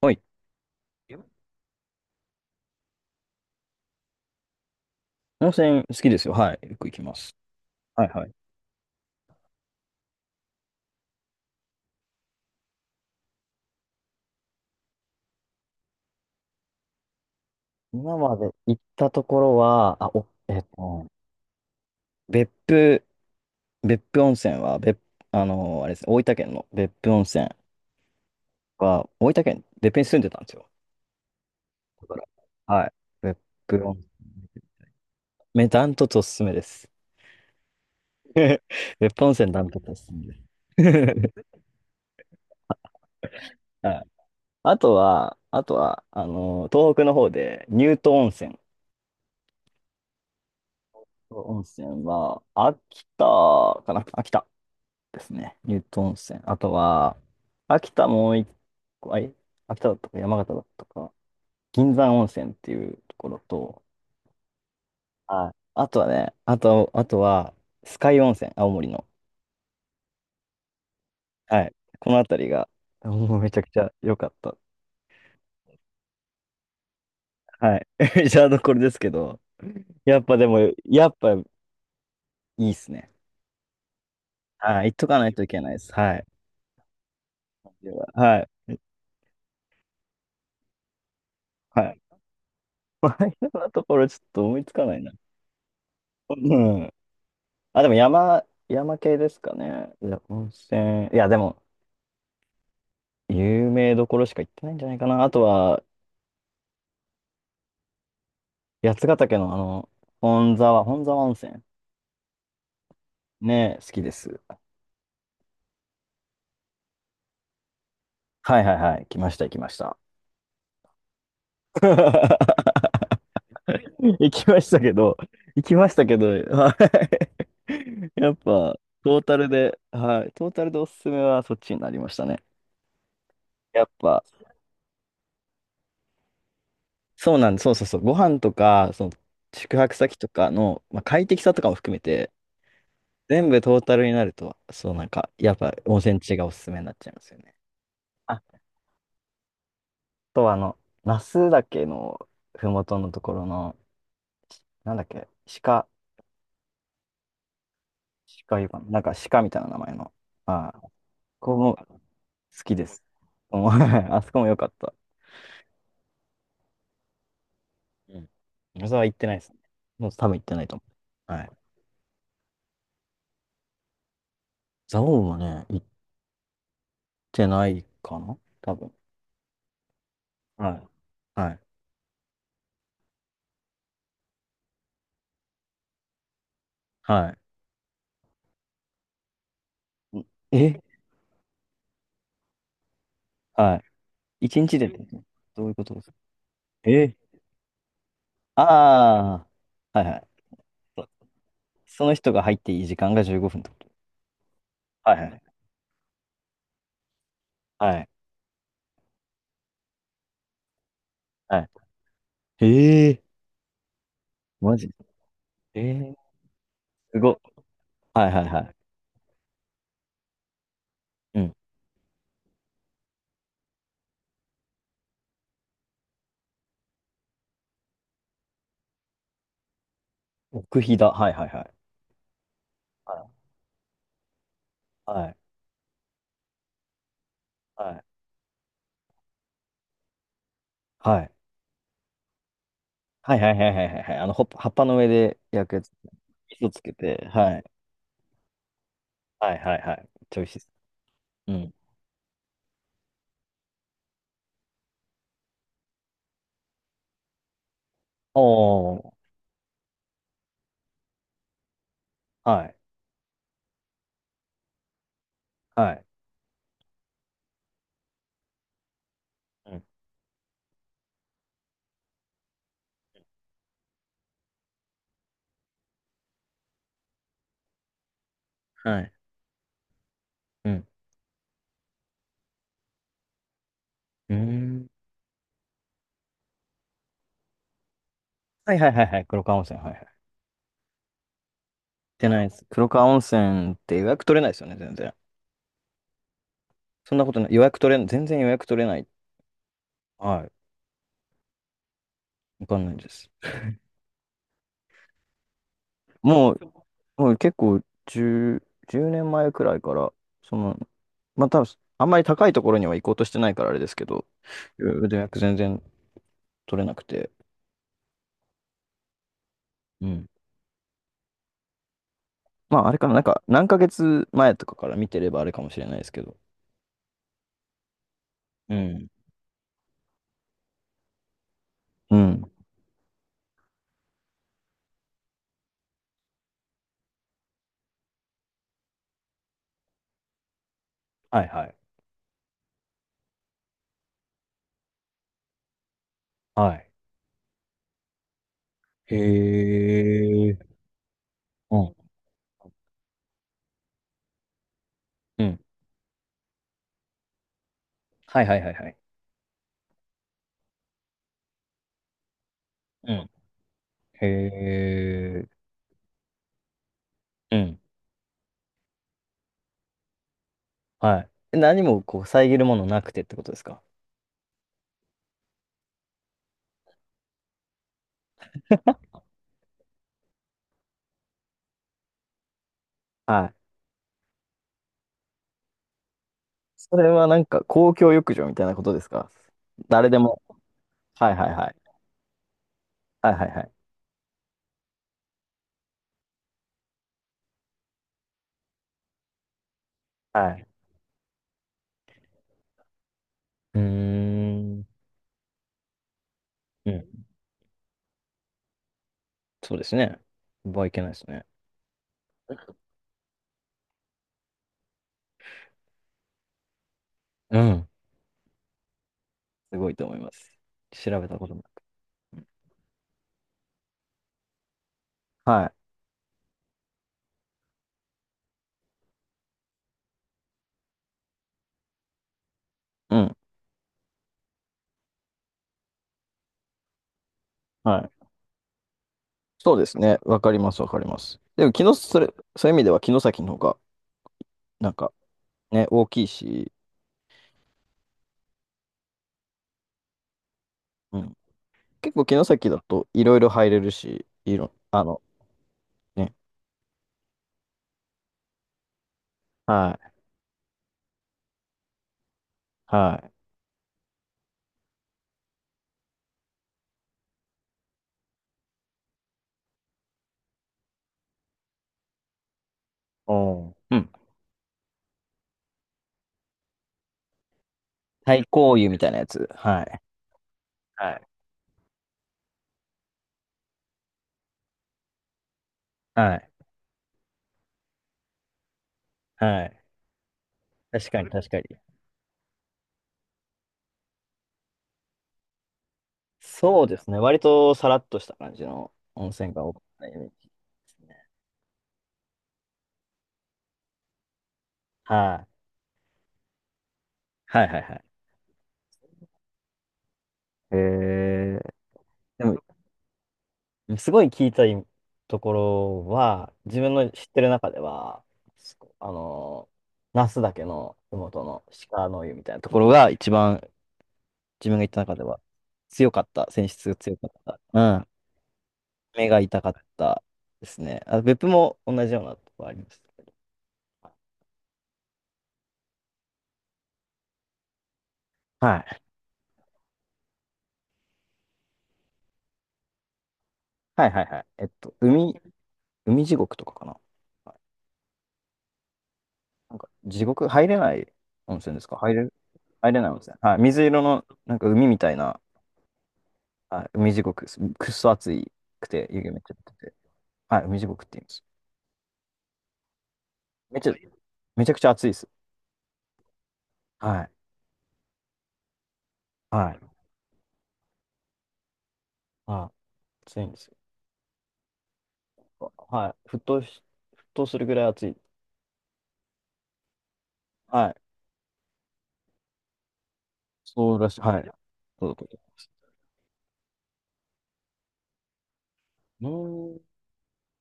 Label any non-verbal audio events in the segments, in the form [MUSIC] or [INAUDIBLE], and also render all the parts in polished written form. はい。温泉好きですよ。はい。よく行きます。はいはい。今まで行ったところは、あ、お、えっと、別府、別府温泉は、別、あれですね、大分県の別府温泉は、大分県、別府に住んでたんですよ。だから、はい。別府温泉。ダントツおすすめです。[LAUGHS] 別府温泉ダントツおすすめです。[LAUGHS] はい。あとは、東北の方で、乳頭温泉。乳頭温泉は、秋田かな、秋田ですね。乳頭温泉。あとは、秋田もう一個、秋田だったか山形だったか、銀山温泉っていうところと、はい。あとはね、あとは、酸ヶ湯温泉、青森の。はい。この辺りが、もうめちゃくちゃ良かった。はい。[LAUGHS] メジャーどころですけど、やっぱでも、やっぱいいっすね。はい。行っとかないといけないです。はい。でははい。はい。[LAUGHS] マイナーなところちょっと思いつかないな。うん。あ、でも山系ですかね。いや、温泉。いや、でも、有名どころしか行ってないんじゃないかな。あとは、八ヶ岳の本沢温泉。ね、好きです。はいはいはい。来ました、行きました。[LAUGHS] 行きましたけど、行きましたけど、はい。[LAUGHS] やっぱ、トータルで、はい。トータルでおすすめはそっちになりましたね。やっぱ、そうなんです。そうそうそう。ご飯とか、宿泊先とかの、まあ、快適さとかも含めて、全部トータルになると、そうなんか、やっぱ温泉地がおすすめになっちゃいますよね。あと、那須岳のふもとのところの、なんだっけ、鹿、鹿いうかな、なんか鹿みたいな名前の、ああ、ここも好きです。もう [LAUGHS] あそこも良かった。うん。野沢行ってないですね。もう多分行ってないと思う。はい。蔵王もね、行ってないかな多分。はい。はい。はい。んえはい。一日でってこと？どういうことですか？えああ、はいはい。そその人が入っていい時間が15分ってこと。はいはいはい。はい。ええ、マジ、ええ、すごっ。はいはいはい。うん。奥飛騨。はいはいはい。はいはいはい。はいはいはいはいはいはいはいはいはいはいはいはい、ほっぱ葉っぱの上で焼くやつ。味噌つけて。はい。はいはいはい。ちょいしいです。うん。おー。はい。はい。うん。はい。うん。うーん。はいはいはいはい、調子し川温泉。はいはい。行ってないです。黒川温泉って予約取れないですよね、全然。そんなことない。予約取れん、全然予約取れない。はい。わかんないです。もう、もう結構10、10年前くらいから、その、まあ多分、あんまり高いところには行こうとしてないからあれですけど、予約全然取れなくて。うん。まああれかな、なんか何ヶ月前とかから見てればあれかもしれないですけど。うん。うん。はいはい。はい。へえ。うん。うん。はいはいはいはい。うん。へえ。うん、はい。え、何もこう遮るものなくてってことですか？はい。それはなんか公共浴場みたいなことですか？誰でも。はいはいはい。はいはいはい。はい。うーん。うん。そうですね。場合いけないですね。うん。すごいと思います。調べたことない。はい。うん。はい。そうですね。わかります、わかります。でも、城それ、そういう意味では城崎の方が、なんかね、大きいし、うん。結構城崎だといろいろ入れるし、いろ、あの、ね。はい。はい。おーうん。太閤湯みたいなやつ。はい。はい。はい。はい。確かに、確かに。そうですね。割とさらっとした感じの温泉が多かったイメージですね。はい。はいはいはい。えー、でも、すごい聞いたいところは、自分の知ってる中では、すこあの、那須岳の麓の鹿の湯みたいなところが一番自分が行った中では強かった、選出が強かった、目が痛かったですね。あ、別府も同じようなとこあります。はい。はいはいはい。海地獄とかかな。はい、なんか、地獄入れない温泉ですか？入れない温泉。はい。水色の、なんか海みたいな、はい、海地獄です。くっそ暑くて、湯気めっちゃ出てて。はい、海地獄って言います。めっちゃ、めちゃくちゃ暑いです。はい。はい。あ、暑いんですよ。はい。沸騰するぐらい暑い。はい。そうらしい。はい。そうだと思います。うん、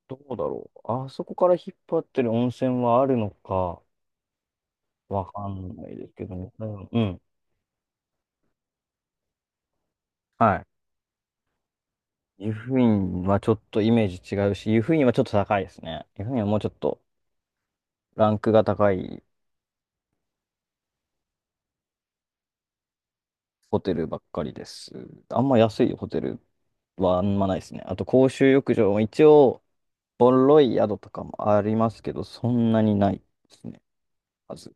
どうだろう。あそこから引っ張ってる温泉はあるのか、わかんないですけどね。うん。うん、はい。湯布院はちょっとイメージ違うし、湯布院はちょっと高いですね。湯布院はもうちょっとランクが高いホテルばっかりです。あんま安いホテルはあんまないですね。あと公衆浴場も一応、ボロい宿とかもありますけど、そんなにないですね。はず。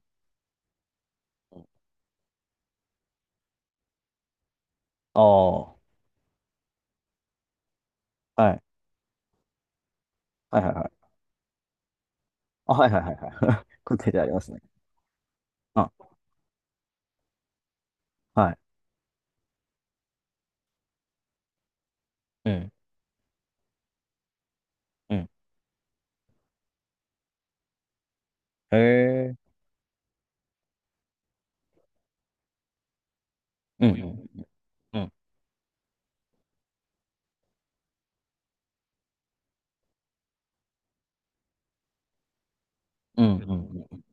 ああ、はい。はいはいはい。あ、はいはいはいはい。[LAUGHS] コテージありますね。あ、はい。うん。うん、へえ。うんういうう、ん。うんうんうんうん。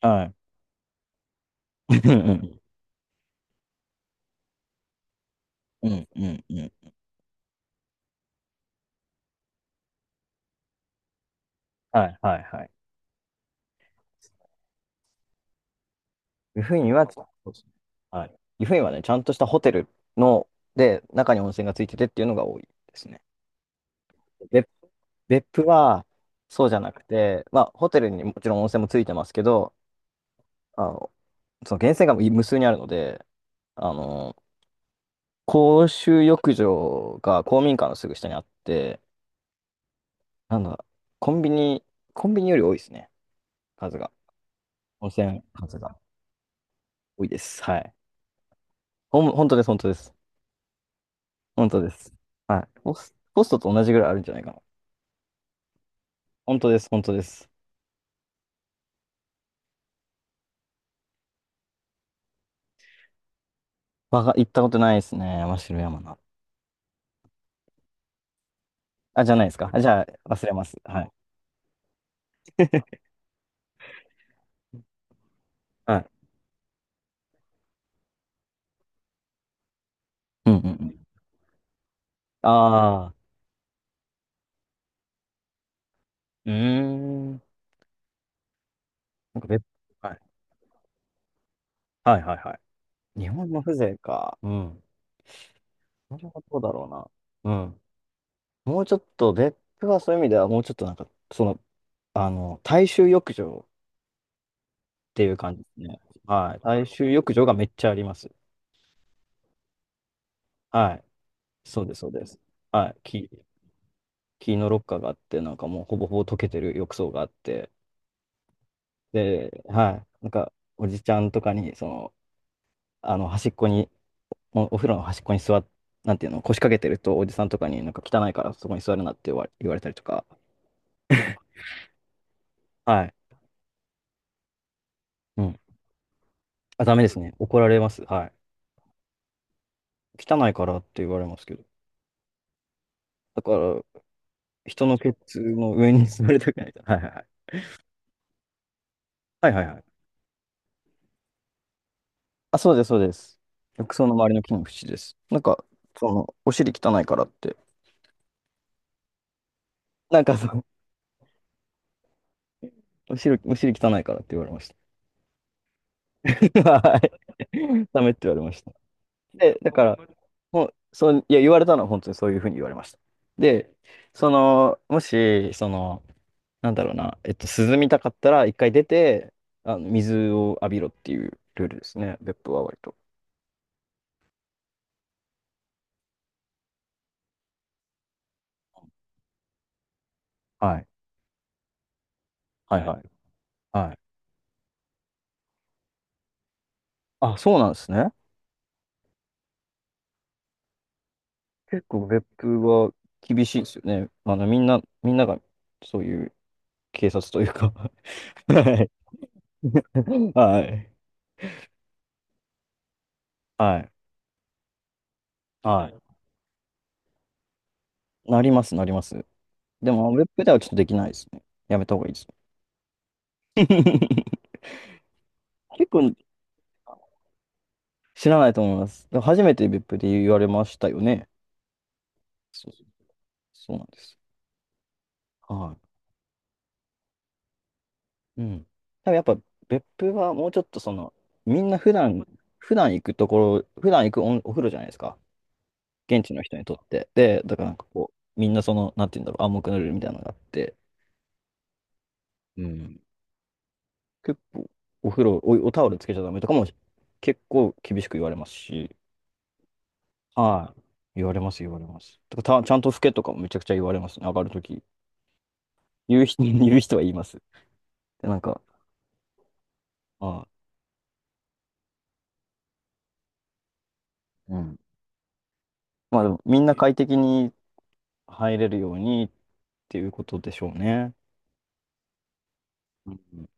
はい。うんうんうんうん。はいはいはい。湯布院は、そうですね。はい。湯布院はね、ちゃんとしたホテルの、で、中に温泉がついててっていうのが多いですね。別、別府は、そうじゃなくて、まあ、ホテルにもちろん温泉もついてますけど、あの、その源泉が無数にあるので、あの、公衆浴場が公民館のすぐ下にあって、なんだ、コンビニ、コンビニより多いですね、数が。当選数が多いです。はい。本当です、本当です。本当です。はい。ホストと同じぐらいあるんじゃないかな。本当です、本当です。わが、行ったことないですね。真白山な。あ、じゃないですか。あ、じゃあ、忘れます。はい。[LAUGHS] はい。うんうんうん。ああ、うーん。なんか別、はい。はいはいはい。日本の風情か。うん。それはどうだろうな。うん。もうちょっと、別府はそういう意味では、もうちょっとなんか、その、大衆浴場っていう感じですね。はい。大衆浴場がめっちゃあります。はい。そうです、そうです。はい。木のロッカーがあって、なんかもうほぼほぼ溶けてる浴槽があって、で、はい。なんか、おじちゃんとかに、端っこに、お風呂の端っこになんていうの、腰掛けてると、おじさんとかになんか汚いからそこに座るなって言われたりとか、はい。うん。あ、ダメですね。怒られます。はい。汚いからって言われますけど。だから、人のケツの上に座りたくない。はいはいはい。はいはいはい。あ、そうです、そうです。浴槽の周りの木の縁です。お尻汚いからって、なんかその、[LAUGHS] お尻汚いからって言われました。[LAUGHS] はい。ダメって言われました。で、だから、ほん、そう、いや、言われたのは本当にそういうふうに言われました。で、その、もし、その、なんだろうな、えっと、涼みたかったら、一回出て、水を浴びろっていうルールですね、別府は割と。はい。はいはい。はい。あ、そうなんですね。結構別府は厳しいですよね。みんながそういう警察というか [LAUGHS] はい。[LAUGHS] はい。はい。はい。なります、なります。でも、別府ではちょっとできないですね。やめた方がいいです。[LAUGHS] 結構知らないと思います。でも初めて別府で言われましたよね。そう、そうなんです。はい。うん。多分やっぱ別府はもうちょっとみんな普段、普段行くところ、普段行くお風呂じゃないですか。現地の人にとって。で、だからなんかこう、みんなその、なんて言うんだろう、暗黙のルールみたいなのがあって、うん。結構、お風呂、お、おタオルつけちゃダメとかも結構厳しく言われますし、はい。言われます、言われます。とかた、ちゃんと拭けとかもめちゃくちゃ言われますね、上がるとき。言う人、[LAUGHS] 言う人は言います。で、なんか、ああうん。まあでも、みんな快適に入れるようにっていうことでしょうね。うん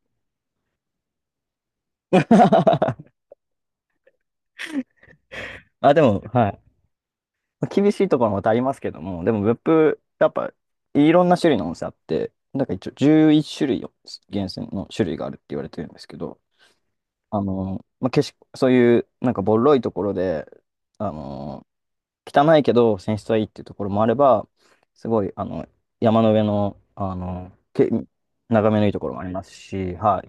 [LAUGHS] あ、でも、はい。まあ厳しいところもまたありますけども、でも別府、やっぱいろんな種類の温泉あって、なんか一応11種類を源泉の種類があるって言われてるんですけど、景色、そういうなんかボロいところで、あの、汚いけど泉質はいいっていうところもあれば、すごい、山の上の、眺めのいいところもありますし、はい。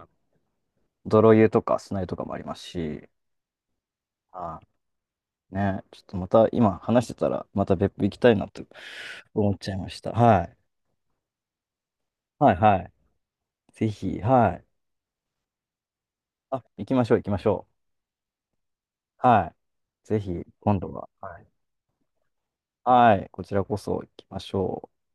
泥湯とか砂湯とかもありますし、はい。ね、ちょっとまた今話してたら、また別府行きたいなと思っちゃいました。はい。はいはい。ぜひ、はい。あ、行きましょう、行きましょう。はい。ぜひ、今度は。はい。はい。こちらこそ行きましょう。